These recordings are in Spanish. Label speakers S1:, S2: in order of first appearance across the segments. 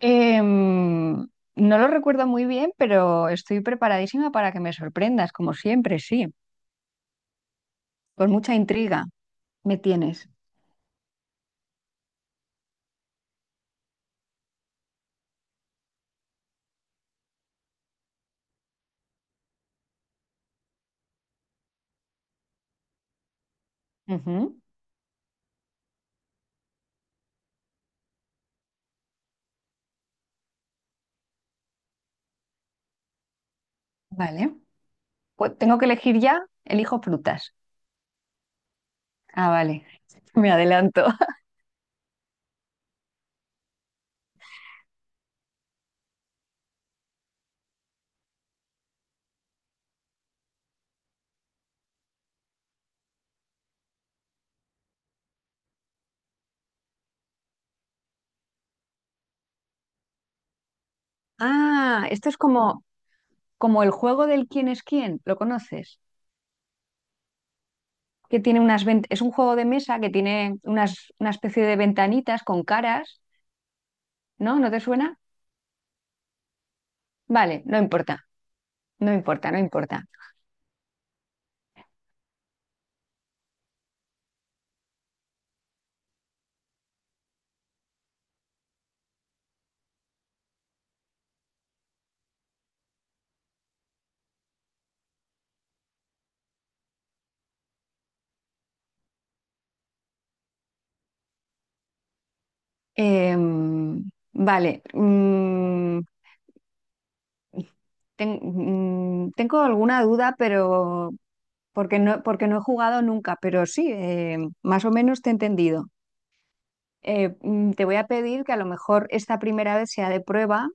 S1: Em, no lo recuerdo muy bien, pero estoy preparadísima para que me sorprendas, como siempre, sí. Con mucha intriga me tienes. Ujú. Vale. Pues, ¿tengo que elegir ya? Elijo frutas. Ah, vale. Me adelanto. Ah, esto es como, como el juego del quién es quién. ¿Lo conoces? Que tiene unas ven- Es un juego de mesa que tiene unas, una especie de ventanitas con caras, ¿no? ¿No te suena? Vale, no importa, no importa. Em, vale, mm, Tengo alguna duda, pero porque no he jugado nunca, pero sí, más o menos te he entendido. Te voy a pedir que a lo mejor esta primera vez sea de prueba,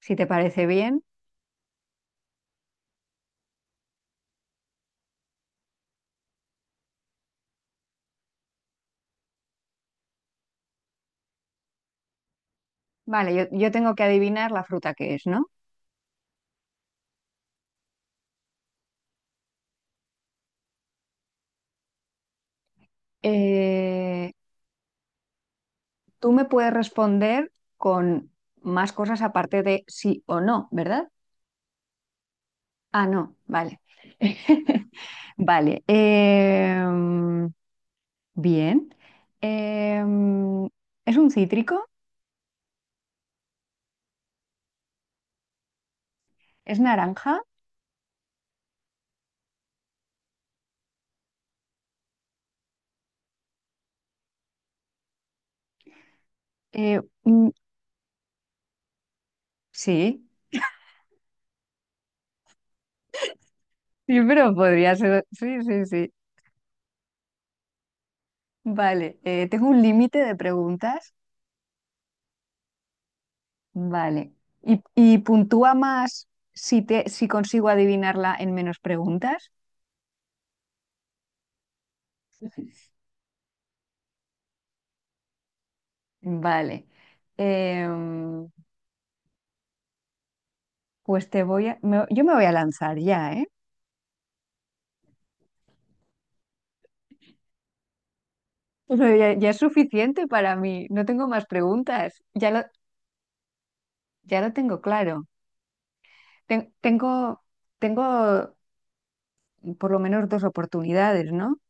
S1: si te parece bien. Vale, yo tengo que adivinar la fruta que es, ¿no? Eh, ¿Tú me puedes responder con más cosas aparte de sí o no, ¿verdad? Ah, no, vale. Vale, bien. Em, ¿Es un cítrico? ¿Es naranja? Eh, mm, sí, sí, pero podría ser. Sí, sí, sí. Vale, tengo un límite de preguntas. Vale. ¿Y puntúa más si consigo adivinarla en menos preguntas? Vale. Em, pues te voy a... yo me voy a lanzar ya, ¿eh? O sea, ya, ya es suficiente para mí. No tengo más preguntas. Ya lo tengo claro. Ten- tengo, tengo por lo menos dos oportunidades, ¿no?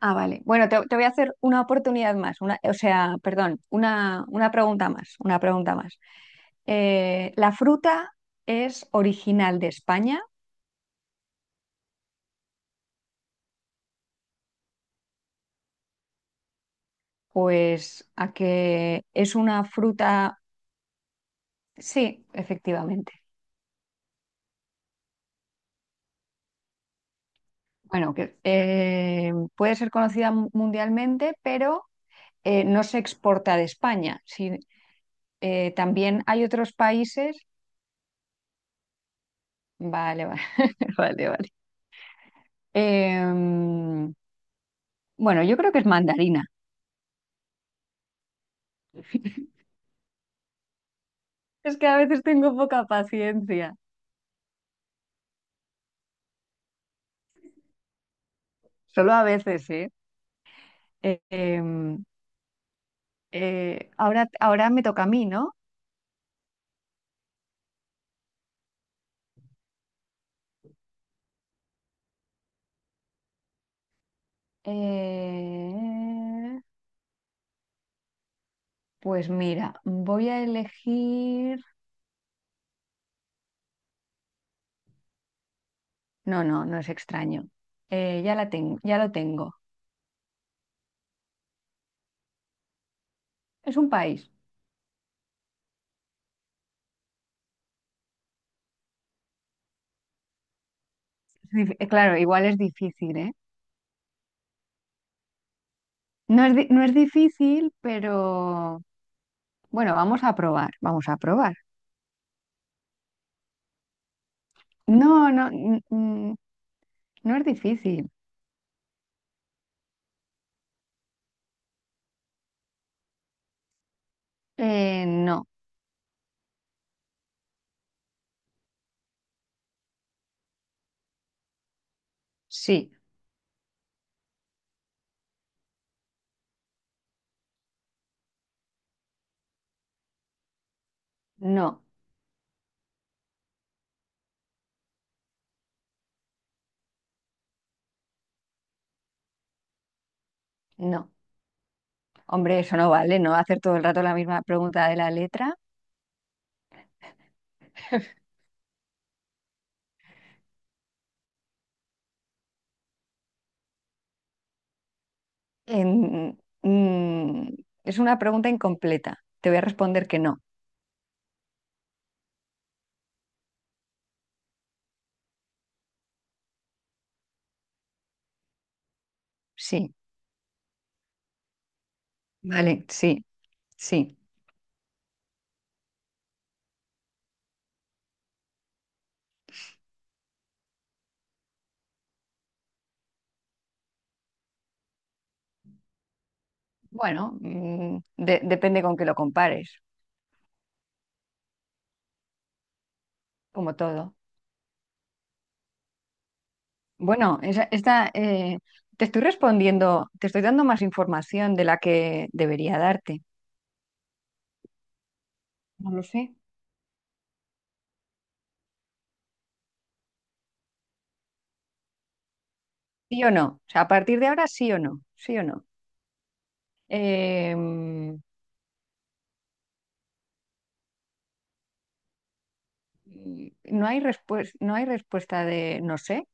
S1: Ah, vale. Bueno, te voy a hacer una oportunidad más, una, o sea, perdón, una pregunta más, una pregunta más. ¿La fruta es original de España? Pues a que es una fruta, sí, efectivamente. Bueno, que puede ser conocida mundialmente, pero no se exporta de España, si- también hay otros países. Vale, vale, vale, vale. Em, bueno, yo creo que es mandarina. Es que a veces tengo poca paciencia. Solo a veces, ¿eh? Eh, em, ahora me toca a mí, ¿no? Eh, pues mira, voy a elegir. No, no, no es extraño. Ya lo tengo. Es un país. Claro, igual es difícil, ¿eh? No es difícil, pero bueno, vamos a probar, vamos a probar. No, no, mm, mm, no es difícil. No, sí, no, no. Hombre, eso no vale, no hacer todo el rato la misma pregunta de la letra. En- mm, es una pregunta incompleta. Te voy a responder que no, sí, vale, sí, sí. Bueno, depende con que lo compares, como todo. Bueno, te estoy respondiendo, te estoy dando más información de la que debería darte. No lo sé. Sí o no. O sea, a partir de ahora sí o no, sí o no. Eh, mm, no hay respuesta, no hay respuesta de no sé.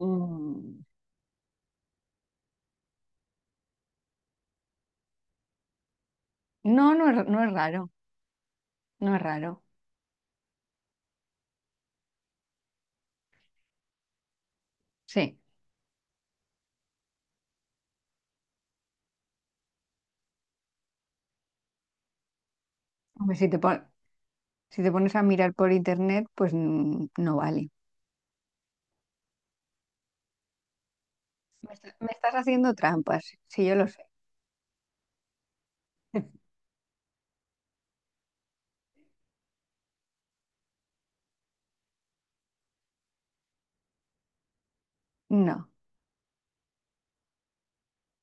S1: Mm. No, no es, no es raro, no es raro. Sí. Hombre, si te pones a mirar por internet, pues no vale. Me estás haciendo trampas, sí, yo lo sé. No.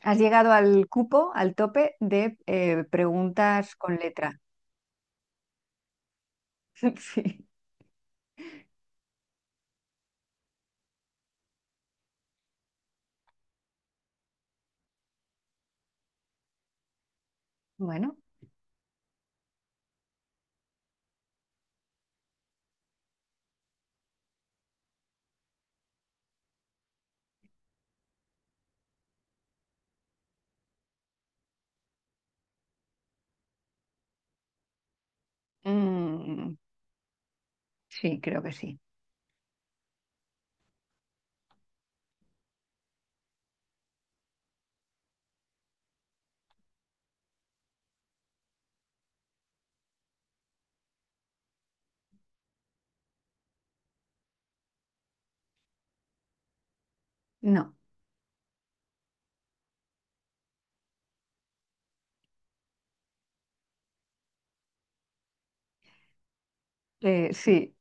S1: Has llegado al cupo, al tope de preguntas con letra. Sí. Bueno. Mm, sí, creo que sí. No. Sí.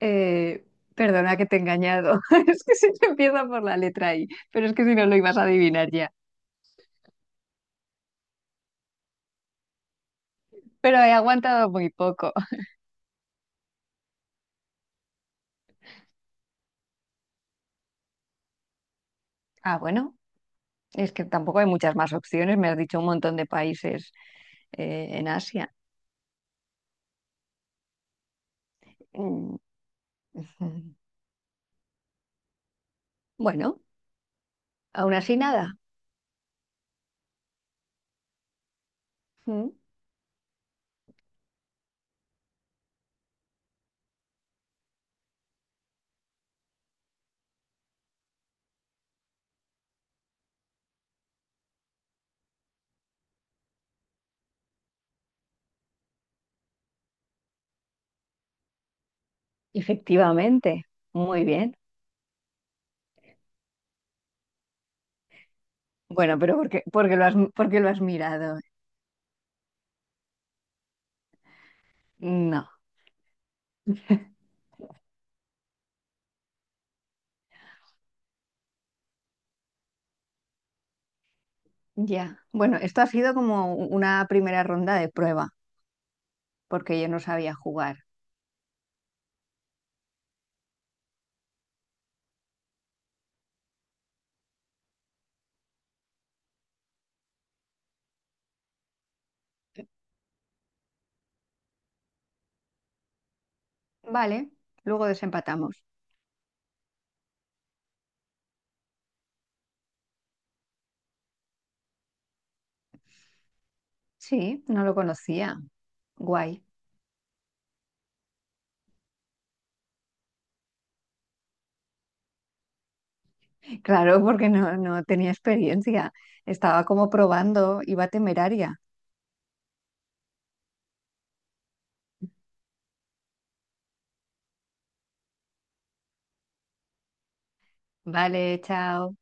S1: Eh, perdona que te he engañado. Es que se empieza por la letra I, pero es que si no lo ibas a adivinar ya. Pero he aguantado muy poco. Ah, bueno, es que tampoco hay muchas más opciones. Me has dicho un montón de países en Asia. Mm. Ujú. Bueno, aún así nada. Mm. Efectivamente, muy bien. Bueno, pero por qué lo has, por qué lo has mirado? No, ya. Bueno, esto ha sido como una primera ronda de prueba, porque yo no sabía jugar. Vale, luego desempatamos. Sí, no lo conocía. Guay. Claro, porque no, no tenía experiencia. Estaba como probando, iba temeraria. Vale, chao.